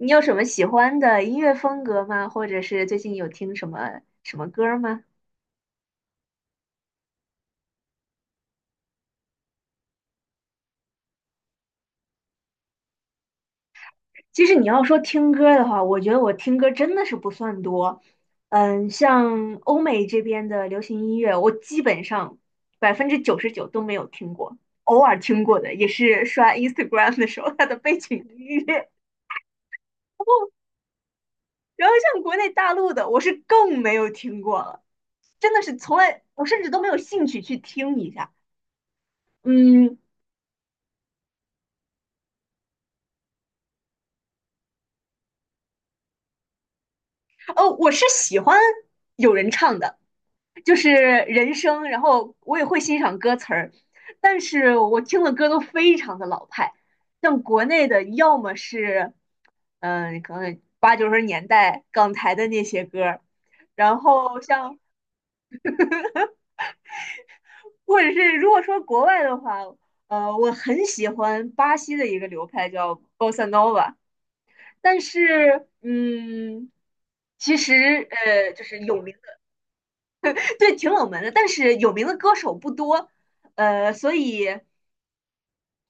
你有什么喜欢的音乐风格吗？或者是最近有听什么歌吗？其实你要说听歌的话，我觉得我听歌真的是不算多。嗯，像欧美这边的流行音乐，我基本上99%都没有听过，偶尔听过的也是刷 Instagram 的时候它的背景音乐。然后像国内大陆的，我是更没有听过了，真的是从来我甚至都没有兴趣去听一下。嗯，哦，我是喜欢有人唱的，就是人声，然后我也会欣赏歌词儿，但是我听的歌都非常的老派，像国内的，要么是，可能八九十年代港台的那些歌儿，然后像，或者是如果说国外的话，我很喜欢巴西的一个流派叫 Bossa Nova。但是，其实，就是有名。对，挺冷门的，但是有名的歌手不多，所以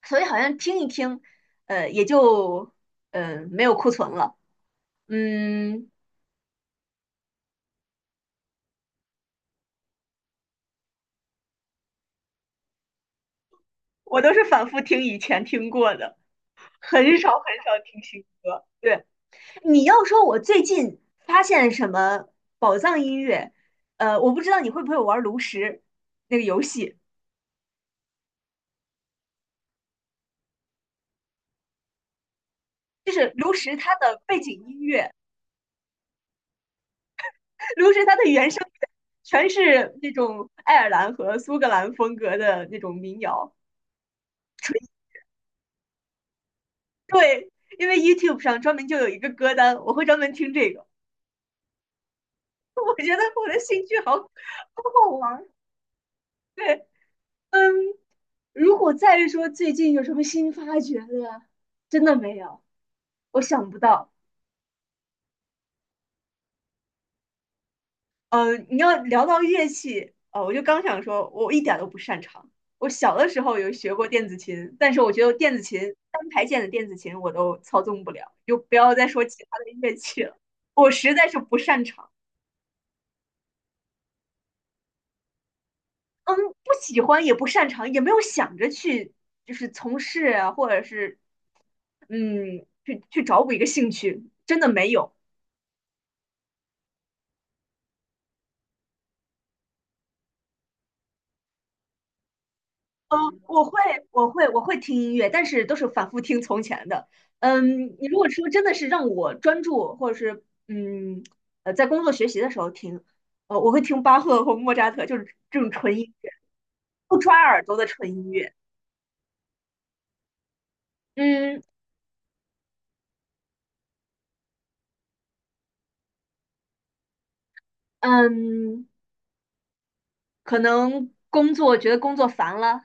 好像听一听，也就没有库存了。嗯，我都是反复听以前听过的，很少很少听新歌。对，你要说我最近发现什么宝藏音乐，我不知道你会不会玩炉石那个游戏，就是炉石它的背景音乐，卢神它的原声全是那种爱尔兰和苏格兰风格的那种民谣。对，因为 YouTube 上专门就有一个歌单，我会专门听这个。我觉得我的兴趣好玩。对，嗯，如果再说最近有什么新发掘的，真的没有，我想不到。你要聊到乐器，我就刚想说，我一点儿都不擅长。我小的时候有学过电子琴，但是我觉得电子琴单排键的电子琴我都操纵不了，就不要再说其他的乐器了，我实在是不擅长。嗯，不喜欢也不擅长，也没有想着去就是从事啊，或者是去找补一个兴趣，真的没有。嗯，我会，我会听音乐，但是都是反复听从前的。嗯，你如果说真的是让我专注，或者是在工作学习的时候听。我会听巴赫或莫扎特，就是这种纯音乐，不抓耳朵的纯音乐。嗯嗯，可能工作觉得工作烦了，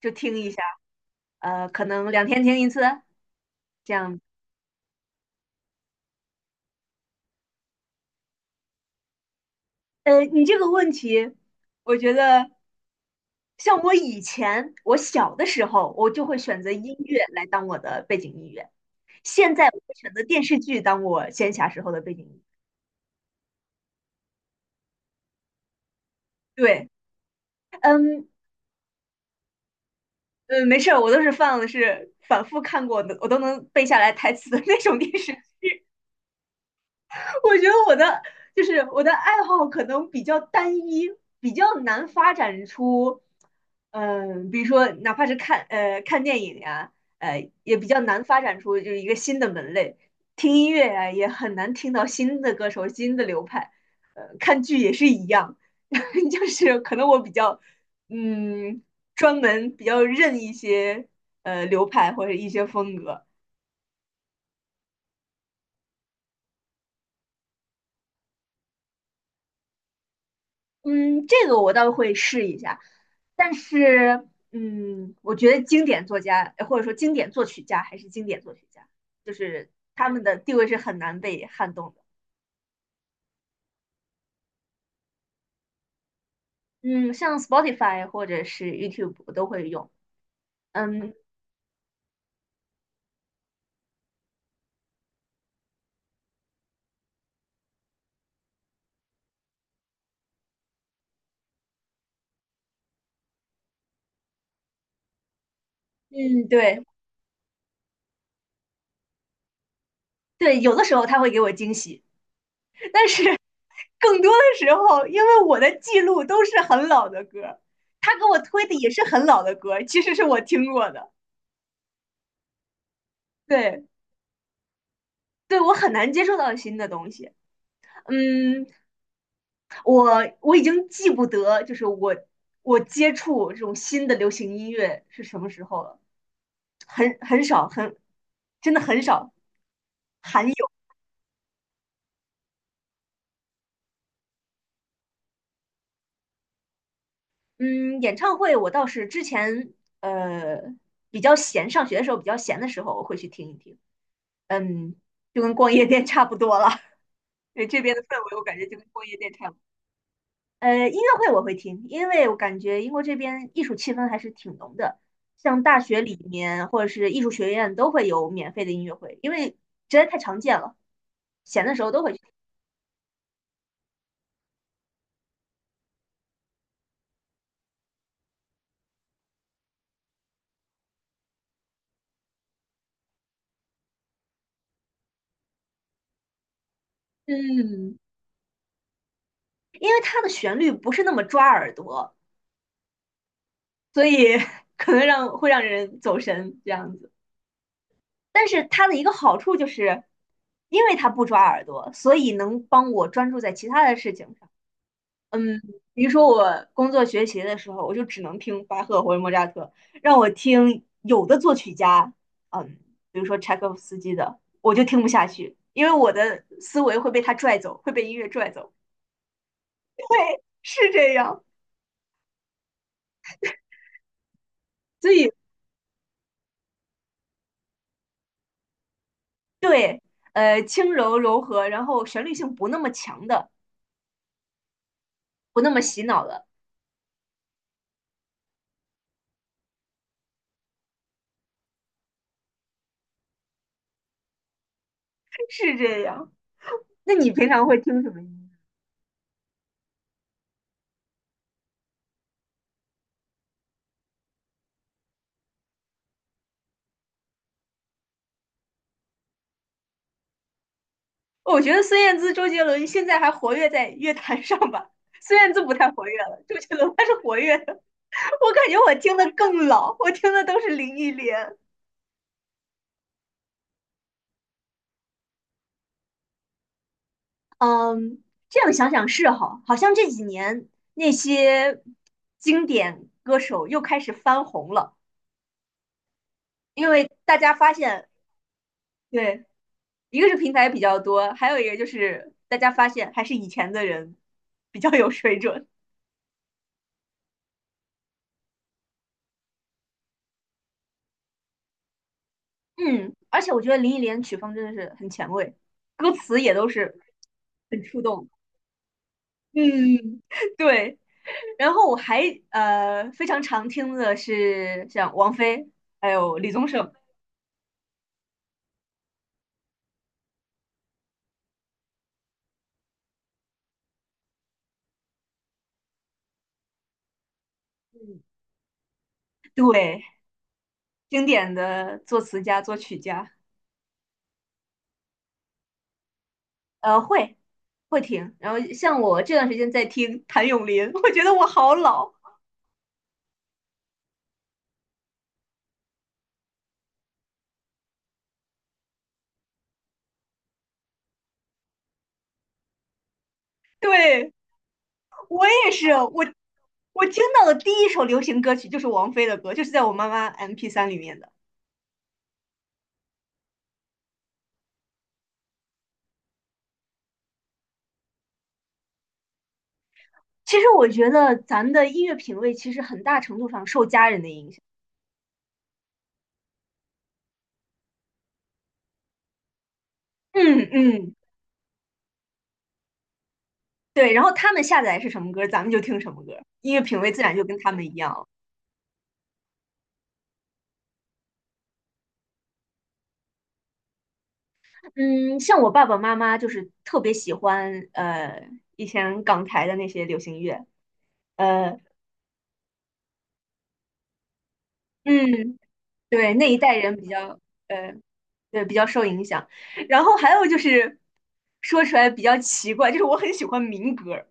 就听一下。可能2天听一次这样。你这个问题，我觉得像我以前，我小的时候，我就会选择音乐来当我的背景音乐。现在我会选择电视剧当我闲暇时候的背景音乐。对，嗯嗯，没事儿，我都是放的是反复看过的，我都能背下来台词的那种电视。 我觉得我的就是我的爱好可能比较单一，比较难发展出，比如说哪怕是看看电影呀、也比较难发展出就是一个新的门类。听音乐呀、也很难听到新的歌手、新的流派。看剧也是一样。就是可能我比较嗯专门比较认一些流派或者一些风格。嗯，这个我倒会试一下，但是，我觉得经典作家或者说经典作曲家还是经典作曲家，就是他们的地位是很难被撼动的。嗯，像 Spotify 或者是 YouTube 我都会用。嗯嗯，对对，有的时候他会给我惊喜，更多的时候因为我的记录都是很老的歌，他给我推的也是很老的歌，其实是我听过的。对对，我很难接受到新的东西。嗯，我我已经记不得，就是我接触这种新的流行音乐是什么时候了，很少，真的很少，罕有。嗯，演唱会我倒是之前呃比较闲，上学的时候比较闲的时候我会去听一听，嗯，就跟逛夜店差不多了。对，这边的氛围我感觉就跟逛夜店差不多。音乐会我会听，因为我感觉英国这边艺术气氛还是挺浓的，像大学里面或者是艺术学院都会有免费的音乐会，因为实在太常见了，闲的时候都会去听。嗯，因为它的旋律不是那么抓耳朵，所以 可能让会让人走神这样子。但是它的一个好处就是，因为它不抓耳朵，所以能帮我专注在其他的事情上。嗯，比如说我工作学习的时候，我就只能听巴赫或者莫扎特，让我听有的作曲家，嗯，比如说柴可夫斯基的，我就听不下去，因为我的思维会被他拽走，会被音乐拽走，是这样。所以对，轻柔柔和，然后旋律性不那么强的，不那么洗脑的，是这样。那你平常会听什么音乐？我觉得孙燕姿、周杰伦现在还活跃在乐坛上吧。孙燕姿不太活跃了，周杰伦还是活跃的。我感觉我听的更老，我听的都是林忆莲。嗯，这样想想是哈，好像这几年那些经典歌手又开始翻红了，因为大家发现，对，一个是平台比较多，还有一个就是大家发现还是以前的人比较有水准。嗯，而且我觉得林忆莲曲风真的是很前卫，歌词也都是很触动。嗯，对。然后我还非常常听的是像王菲，还有李宗盛。嗯，对，经典的作词家、作曲家。呃，会会听。然后像我这段时间在听谭咏麟，我觉得我好老。对，我也是，我听到的第一首流行歌曲就是王菲的歌，就是在我妈妈 MP3里面的。其实我觉得咱们的音乐品味其实很大程度上受家人的影响。嗯嗯，对，然后他们下载是什么歌，咱们就听什么歌，音乐品味自然就跟他们一样了。嗯，像我爸爸妈妈就是特别喜欢以前港台的那些流行乐。呃，嗯，对，那一代人比较呃对比较受影响。然后还有就是说出来比较奇怪，就是我很喜欢民歌，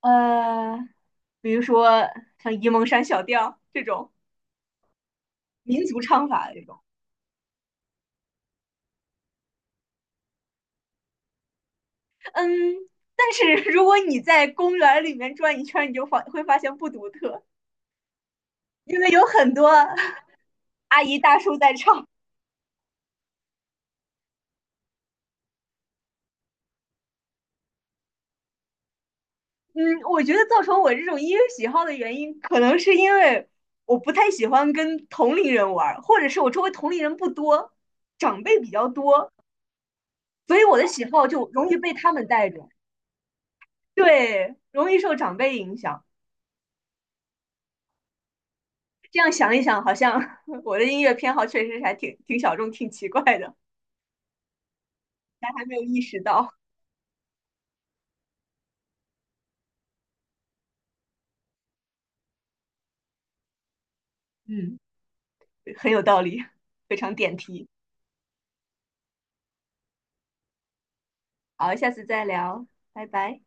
呃，比如说像沂蒙山小调这种民族唱法这种。嗯，但是如果你在公园里面转一圈，你就会发现不独特，因为有很多阿姨大叔在唱。嗯，我觉得造成我这种音乐喜好的原因，可能是因为我不太喜欢跟同龄人玩，或者是我周围同龄人不多，长辈比较多，所以我的喜好就容易被他们带着。对，容易受长辈影响。这样想一想，好像我的音乐偏好确实还挺小众、挺奇怪的，但还没有意识到。嗯。很有道理，非常点题。好，下次再聊，拜拜。